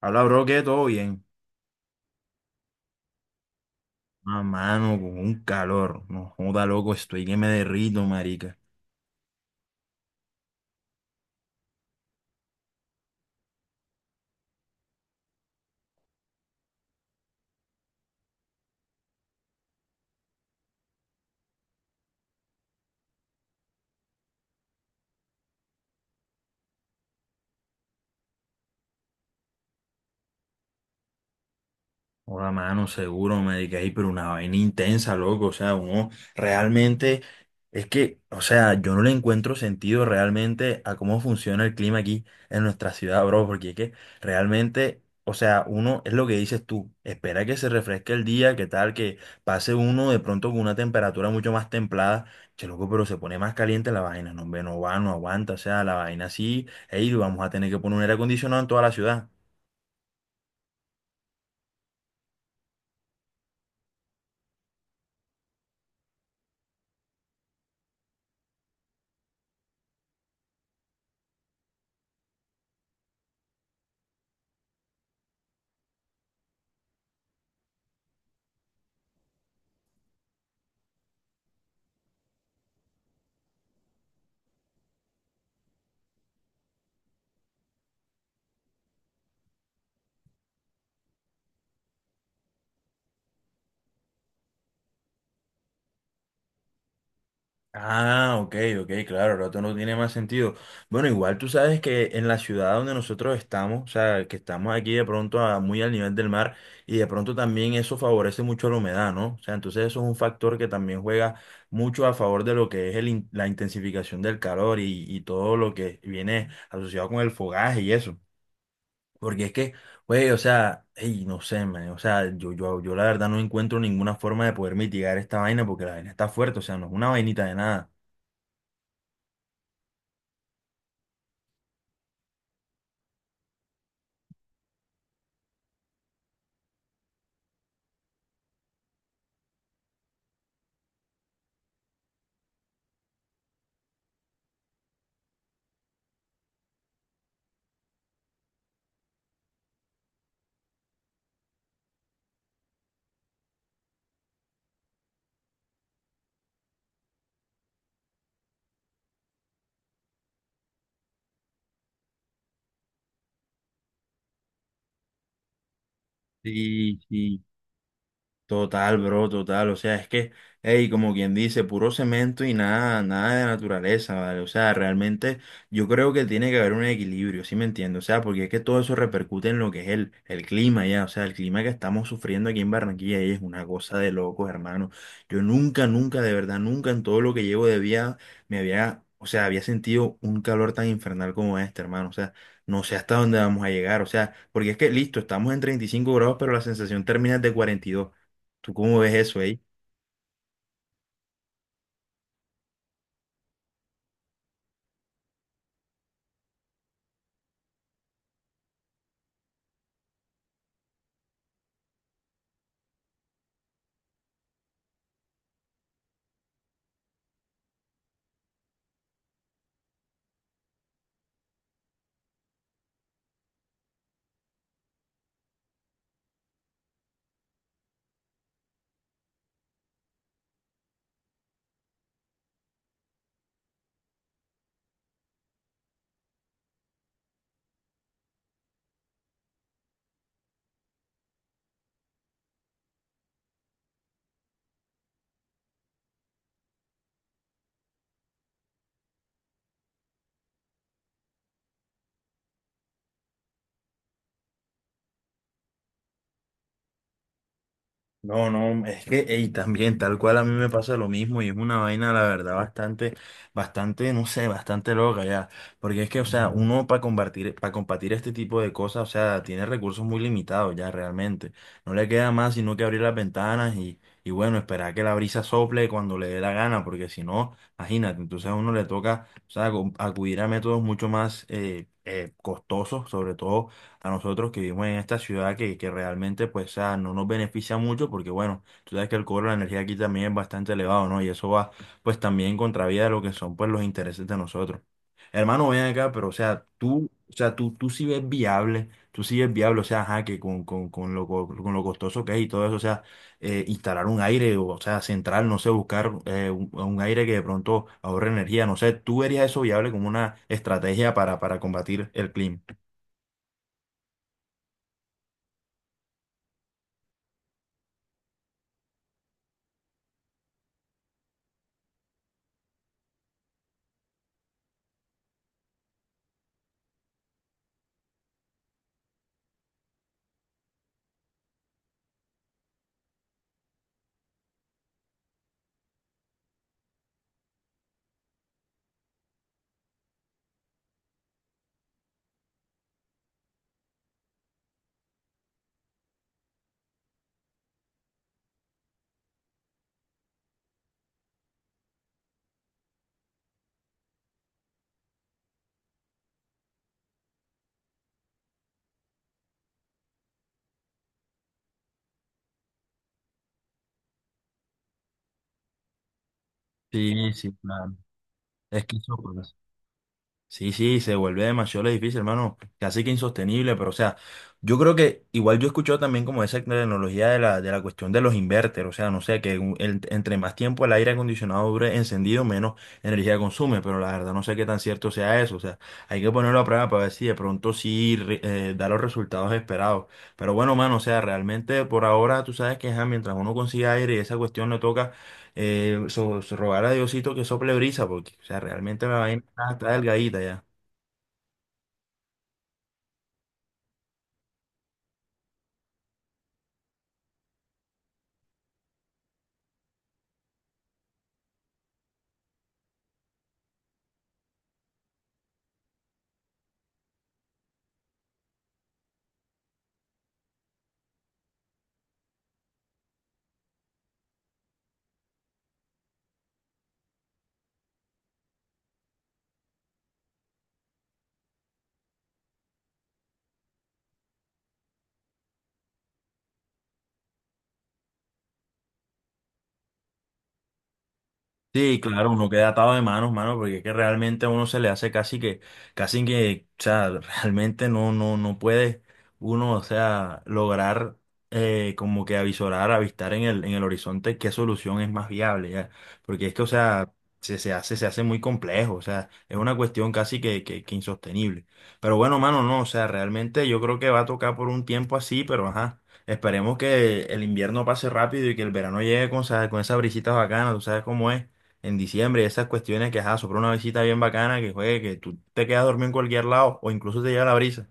Habla, bro, que todo bien. Ah, mano, con un calor. No joda, loco, estoy que me derrito, marica. Hola, mano, seguro, me dediqué ahí, pero una vaina intensa, loco. O sea, uno realmente es que, o sea, yo no le encuentro sentido realmente a cómo funciona el clima aquí en nuestra ciudad, bro, porque es que realmente, o sea, uno es lo que dices tú, espera que se refresque el día, que tal, que pase uno de pronto con una temperatura mucho más templada. Che, loco, pero se pone más caliente la vaina, no, hombre, no va, no aguanta, o sea, la vaina sí, ey, vamos a tener que poner un aire acondicionado en toda la ciudad. Ah, ok, ok, claro, el otro no tiene más sentido. Bueno, igual tú sabes que en la ciudad donde nosotros estamos, o sea, que estamos aquí de pronto muy al nivel del mar y de pronto también eso favorece mucho la humedad, ¿no? O sea, entonces eso es un factor que también juega mucho a favor de lo que es el la intensificación del calor y, todo lo que viene asociado con el fogaje y eso. Porque es que, güey, o sea, ey, no sé, man, o sea, yo la verdad no encuentro ninguna forma de poder mitigar esta vaina porque la vaina está fuerte, o sea, no es una vainita de nada. Sí, sí. Total, bro, total. O sea, es que, hey, como quien dice, puro cemento y nada, nada de naturaleza, ¿vale? O sea, realmente yo creo que tiene que haber un equilibrio, ¿sí me entiendes? O sea, porque es que todo eso repercute en lo que es el clima ya. O sea, el clima que estamos sufriendo aquí en Barranquilla ey, es una cosa de locos, hermano. Yo nunca, nunca, de verdad, nunca en todo lo que llevo de vida me había, o sea, había sentido un calor tan infernal como este, hermano. O sea, no sé hasta dónde vamos a llegar. O sea, porque es que, listo, estamos en 35 grados, pero la sensación térmica es de 42. ¿Tú cómo ves eso ahí? No, no, es que ey, también tal cual a mí me pasa lo mismo y es una vaina, la verdad, bastante, bastante, no sé, bastante loca ya. Porque es que, o sea, uno para combatir este tipo de cosas, o sea, tiene recursos muy limitados ya realmente. No le queda más sino que abrir las ventanas y bueno, esperar que la brisa sople cuando le dé la gana, porque si no, imagínate, entonces a uno le toca, o sea, acudir a métodos mucho más costosos, sobre todo a nosotros que vivimos en esta ciudad que realmente pues o sea, no nos beneficia mucho porque bueno, tú sabes que el cobro de la energía aquí también es bastante elevado, ¿no? Y eso va pues también en contravía de lo que son pues los intereses de nosotros. Hermano, ven acá, pero o sea, tú sí ves viable, tú sí ves viable, o sea, ajá, que con lo, con lo costoso que es y todo eso, o sea, instalar un aire, o sea, central, no sé, buscar un aire que de pronto ahorre energía, no sé, ¿tú verías eso viable como una estrategia para combatir el clima? Sí, sí, claro. Es que eso, pues, sí, sí, se vuelve demasiado difícil, hermano. Casi que insostenible, pero o sea, yo creo que igual yo he escuchado también como esa tecnología de la cuestión de los inverter, o sea, no sé, que entre más tiempo el aire acondicionado dure encendido, menos energía consume, pero la verdad no sé qué tan cierto sea eso, o sea, hay que ponerlo a prueba para ver si de pronto sí da los resultados esperados. Pero bueno, mano, o sea, realmente por ahora tú sabes que ajá, mientras uno consiga aire y esa cuestión le toca so rogar a Diosito que sople brisa, porque o sea, realmente la vaina está, está delgadita ya. Sí, claro, uno queda atado de manos, mano, porque es que realmente a uno se le hace casi que, o sea, realmente no, no, no puede uno, o sea, lograr como que avisorar, avistar en en el horizonte qué solución es más viable, ya. Porque es que, o sea, se, se hace muy complejo, o sea, es una cuestión casi que, que insostenible. Pero bueno, mano, no, o sea, realmente yo creo que va a tocar por un tiempo así, pero ajá. Esperemos que el invierno pase rápido y que el verano llegue con, con esas brisitas bacanas, tú sabes cómo es en diciembre, esas cuestiones que, ajá, sopla una visita bien bacana, que juegue, que tú te quedas dormido en cualquier lado o incluso te lleva la brisa.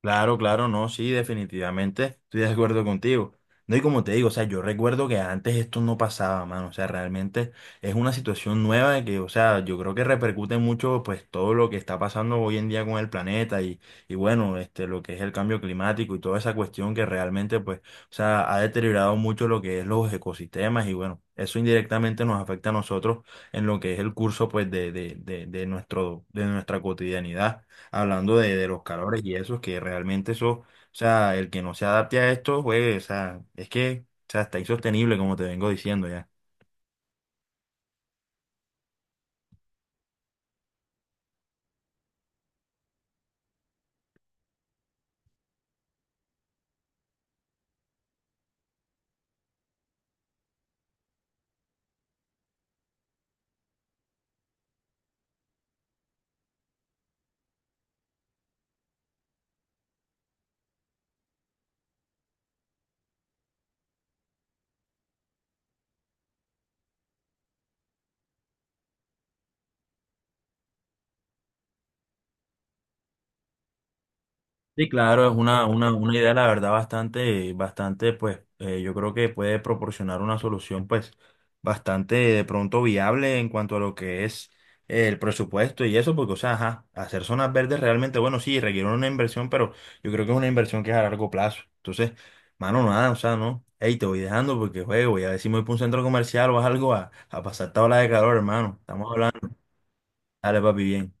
Claro, claro, no, sí, definitivamente estoy de acuerdo contigo. No, y como te digo, o sea, yo recuerdo que antes esto no pasaba, mano, o sea, realmente es una situación nueva de que, o sea, yo creo que repercute mucho, pues, todo lo que está pasando hoy en día con el planeta y bueno, este, lo que es el cambio climático y toda esa cuestión que realmente, pues, o sea, ha deteriorado mucho lo que es los ecosistemas y bueno, eso indirectamente nos afecta a nosotros en lo que es el curso, pues, de nuestro, de nuestra cotidianidad hablando de los calores y eso, que realmente eso, o sea, el que no se adapte a esto, pues, o sea, es que, o sea, está insostenible, como te vengo diciendo ya. Sí, claro, es una idea, la verdad, bastante, bastante, pues, yo creo que puede proporcionar una solución, pues, bastante de pronto viable en cuanto a lo que es el presupuesto y eso, porque, o sea, ajá, hacer zonas verdes realmente, bueno, sí, requiere una inversión, pero yo creo que es una inversión que es a largo plazo. Entonces, mano, nada, o sea, no, hey, te voy dejando porque juego, y a ver si me voy para un centro comercial o algo a pasar esta ola de calor, hermano. Estamos hablando, dale, papi, bien.